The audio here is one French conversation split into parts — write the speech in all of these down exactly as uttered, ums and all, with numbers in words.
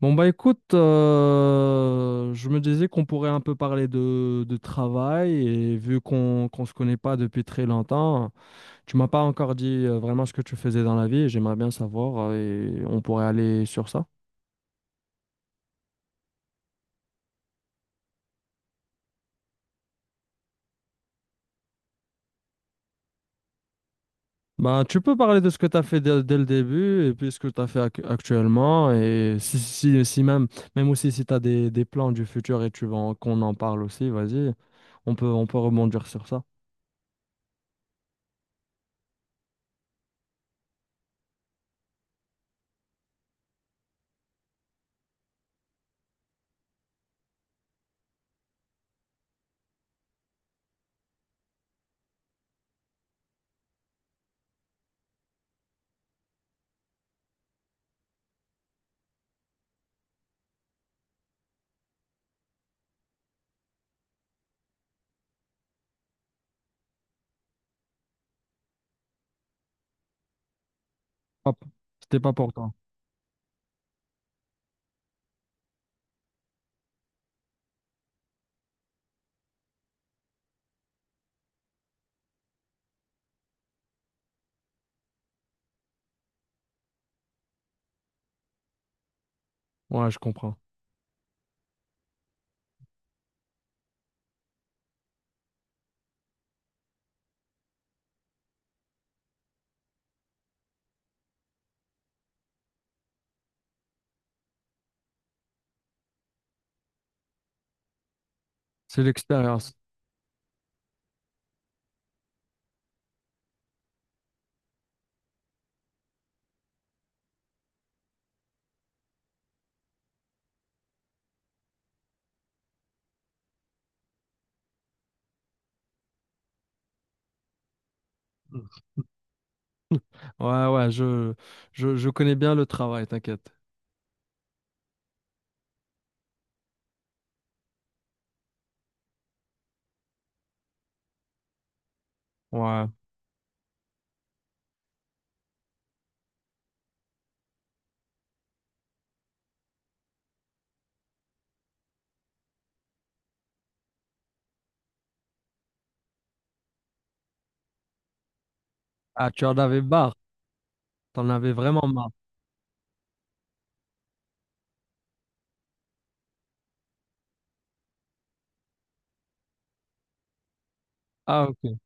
Bon bah écoute, euh, je me disais qu'on pourrait un peu parler de, de travail et vu qu'on qu'on se connaît pas depuis très longtemps, tu m'as pas encore dit euh, vraiment ce que tu faisais dans la vie et j'aimerais bien savoir, euh, et on pourrait aller sur ça. Bah tu peux parler de ce que tu as fait dès, dès le début et puis ce que tu as fait ac- actuellement et si, si, si même, même aussi si tu as des, des plans du futur et tu veux en- qu'on en parle aussi, vas-y, on peut, on peut rebondir sur ça. Hop, c'était pas pour toi. Ouais, je comprends. C'est l'expérience. Ouais, ouais, je, je, je connais bien le travail, t'inquiète. Ouais. Ah, tu en avais marre. T'en avais vraiment marre. Ah, ok.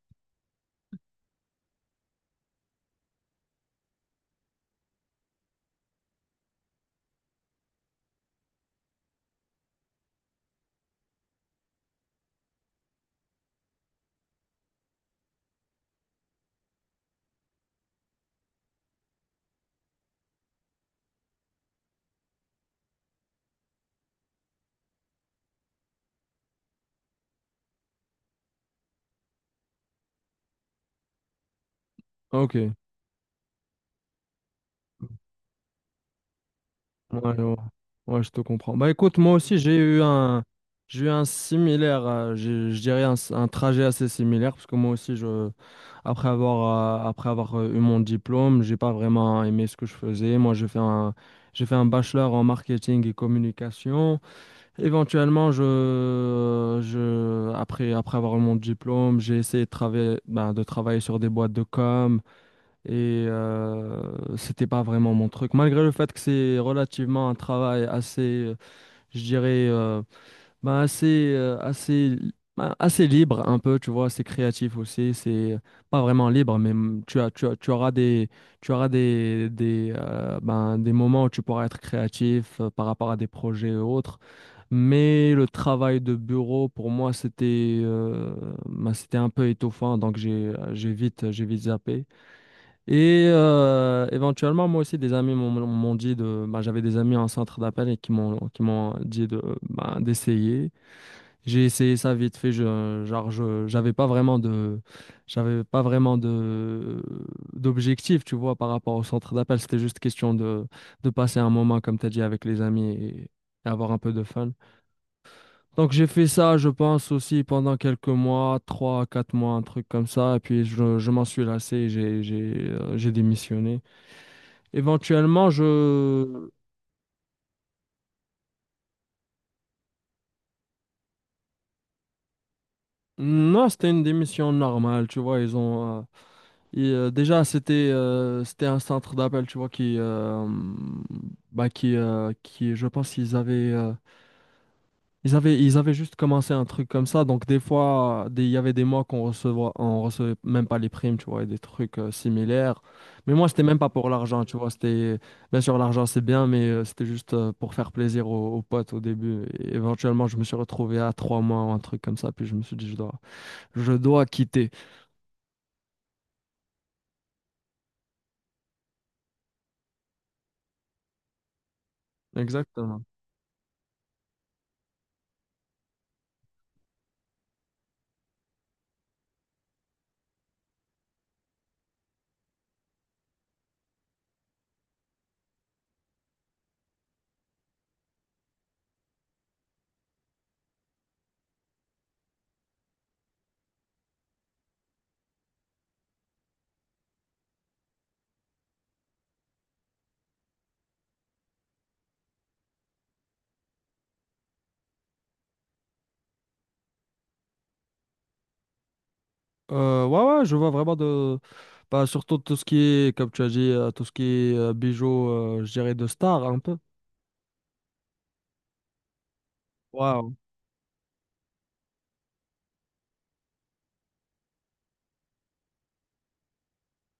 Ok. Ouais, ouais. Ouais, je te comprends. Bah écoute, moi aussi, j'ai eu un, j'ai eu un similaire, euh, j'ai- je dirais un, s- un trajet assez similaire, parce que moi aussi, je, après avoir, euh, après avoir euh, eu mon diplôme, j'ai pas vraiment aimé ce que je faisais. Moi, j'ai fait un, j'ai fait un bachelor en marketing et communication. Éventuellement, je, je, après, après avoir eu mon diplôme, j'ai essayé de travailler, ben, de travailler sur des boîtes de com et euh, c'était pas vraiment mon truc. Malgré le fait que c'est relativement un travail assez, euh, je dirais, euh, bah, assez, euh, assez, bah, assez libre un peu, tu vois, assez créatif aussi. C'est pas vraiment libre, mais mm, tu as, tu as, tu auras des, tu auras des, des, euh, ben, des moments où tu pourras être créatif euh, par rapport à des projets et autres. Mais le travail de bureau, pour moi, c'était euh, ben, c'était un peu étouffant, donc j'ai, j'ai vite, j'ai vite zappé. Et euh, éventuellement, moi aussi, des amis m'ont m'ont dit de. Bah, j'avais des amis en centre d'appel et qui m'ont qui m'ont dit de bah, d'essayer. J'ai essayé ça vite fait, je, genre je, j'avais pas vraiment de, j'avais pas vraiment de, d'objectif, tu vois, par rapport au centre d'appel. C'était juste question de, de passer un moment, comme tu as dit, avec les amis et, et avoir un peu de fun. Donc j'ai fait ça, je pense, aussi pendant quelques mois, trois, quatre mois, un truc comme ça. Et puis je, je m'en suis lassé, et j'ai, j'ai, euh, j'ai démissionné. Éventuellement, je... Non, c'était une démission normale, tu vois, ils ont... euh, et, euh, déjà, c'était euh, c'était un centre d'appel, tu vois, qui, euh, bah, qui, euh, qui, je pense, qu'ils avaient, euh, ils avaient, ils avaient juste commencé un truc comme ça. Donc, des fois, des- il y avait des mois qu'on recevait, on recevait même pas les primes, tu vois, et des trucs euh, similaires. Mais moi, c'était même pas pour l'argent, tu vois. C'était, bien sûr, l'argent, c'est bien, mais euh, c'était juste euh, pour faire plaisir aux, aux potes au début. Et éventuellement, je me suis retrouvé à trois mois ou un truc comme ça. Puis, je me suis dit, je dois, je dois quitter. Exactement. Euh, ouais, ouais, je vois vraiment de. Bah, surtout tout ce qui est, comme tu as dit, euh, tout ce qui est euh, bijoux, euh, je dirais de star un peu. Waouh.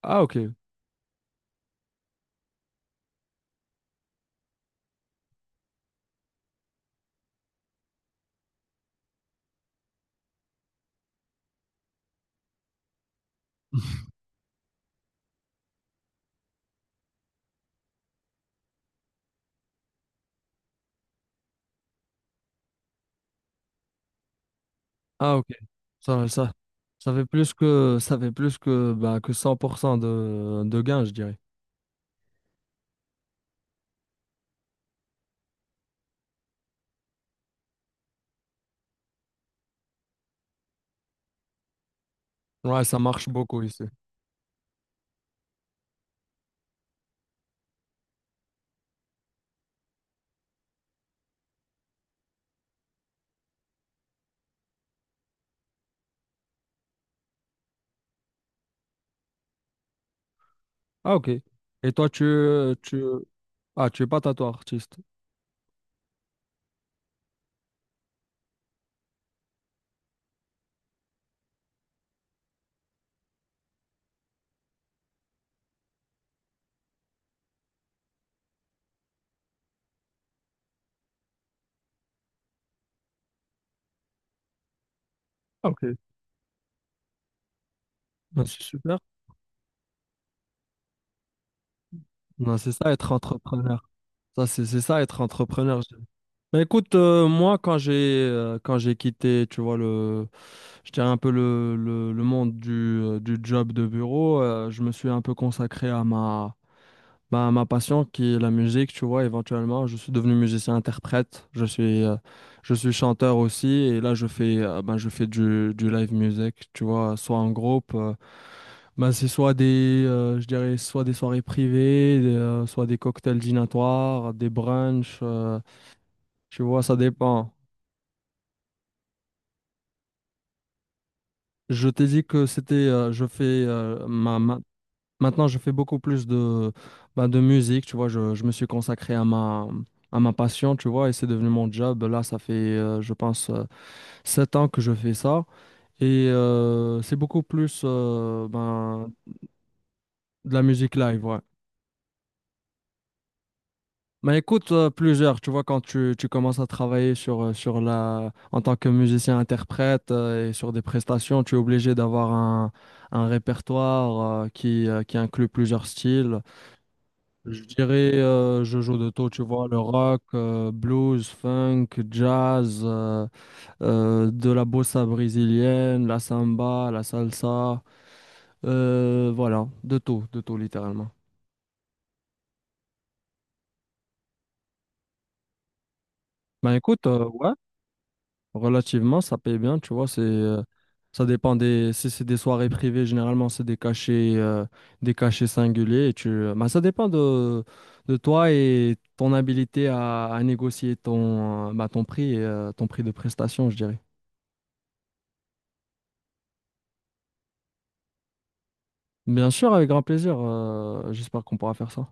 Ah, ok. Ah, ok. Ça, ça, ça fait plus que, ça fait plus que, bah, que cent pour cent de, de gains, je dirais. Ouais, ça marche beaucoup ici. Ah, ok. Et toi, tu, euh, tu, ah, tu es pas tatou artiste. Ah, ok. Bah, c'est super. Non, c'est ça être entrepreneur. Ça, c'est c'est ça être entrepreneur. Bah écoute, euh, moi quand j'ai euh, quand j'ai quitté, tu vois, le, je dirais un peu le, le, le monde du, euh, du job de bureau, euh, je me suis un peu consacré à ma, bah, à ma passion qui est la musique, tu vois, éventuellement, je suis devenu musicien-interprète, je suis, euh, je suis chanteur aussi, et là je fais, euh, ben, je fais du, du live music, tu vois, soit en groupe, euh, ben, c'est soit des, euh, je dirais, soit des soirées privées, des, euh, soit des cocktails dînatoires, des brunchs, euh, tu vois, ça dépend. Je t'ai dit que c'était, euh, je fais, euh, ma, ma- maintenant je fais beaucoup plus de, bah, de musique, tu vois, je, je me suis consacré à ma, à ma passion, tu vois, et c'est devenu mon job. Là, ça fait, euh, je pense, euh, sept ans que je fais ça, et euh, c'est beaucoup plus euh, ben, de la musique live, ouais. Bah écoute, euh, plusieurs, tu vois, quand tu, tu commences à travailler sur, euh, sur la, en tant que musicien-interprète euh, et sur des prestations, tu es obligé d'avoir un, un répertoire euh, qui, euh, qui inclut plusieurs styles. Je dirais, euh, je joue de tout, tu vois, le rock, euh, blues, funk, jazz, euh, euh, de la bossa brésilienne, la samba, la salsa, euh, voilà, de tout, de tout littéralement. Bah écoute, euh, ouais. Relativement, ça paye bien, tu vois, c'est euh, ça dépend des si c'est des soirées privées, généralement c'est des cachets euh, des cachets singuliers et tu euh, bah, ça dépend de de toi et ton habilité à, à négocier ton euh, bah, ton prix et euh, ton prix de prestation, je dirais. Bien sûr, avec grand plaisir. euh, j'espère qu'on pourra faire ça.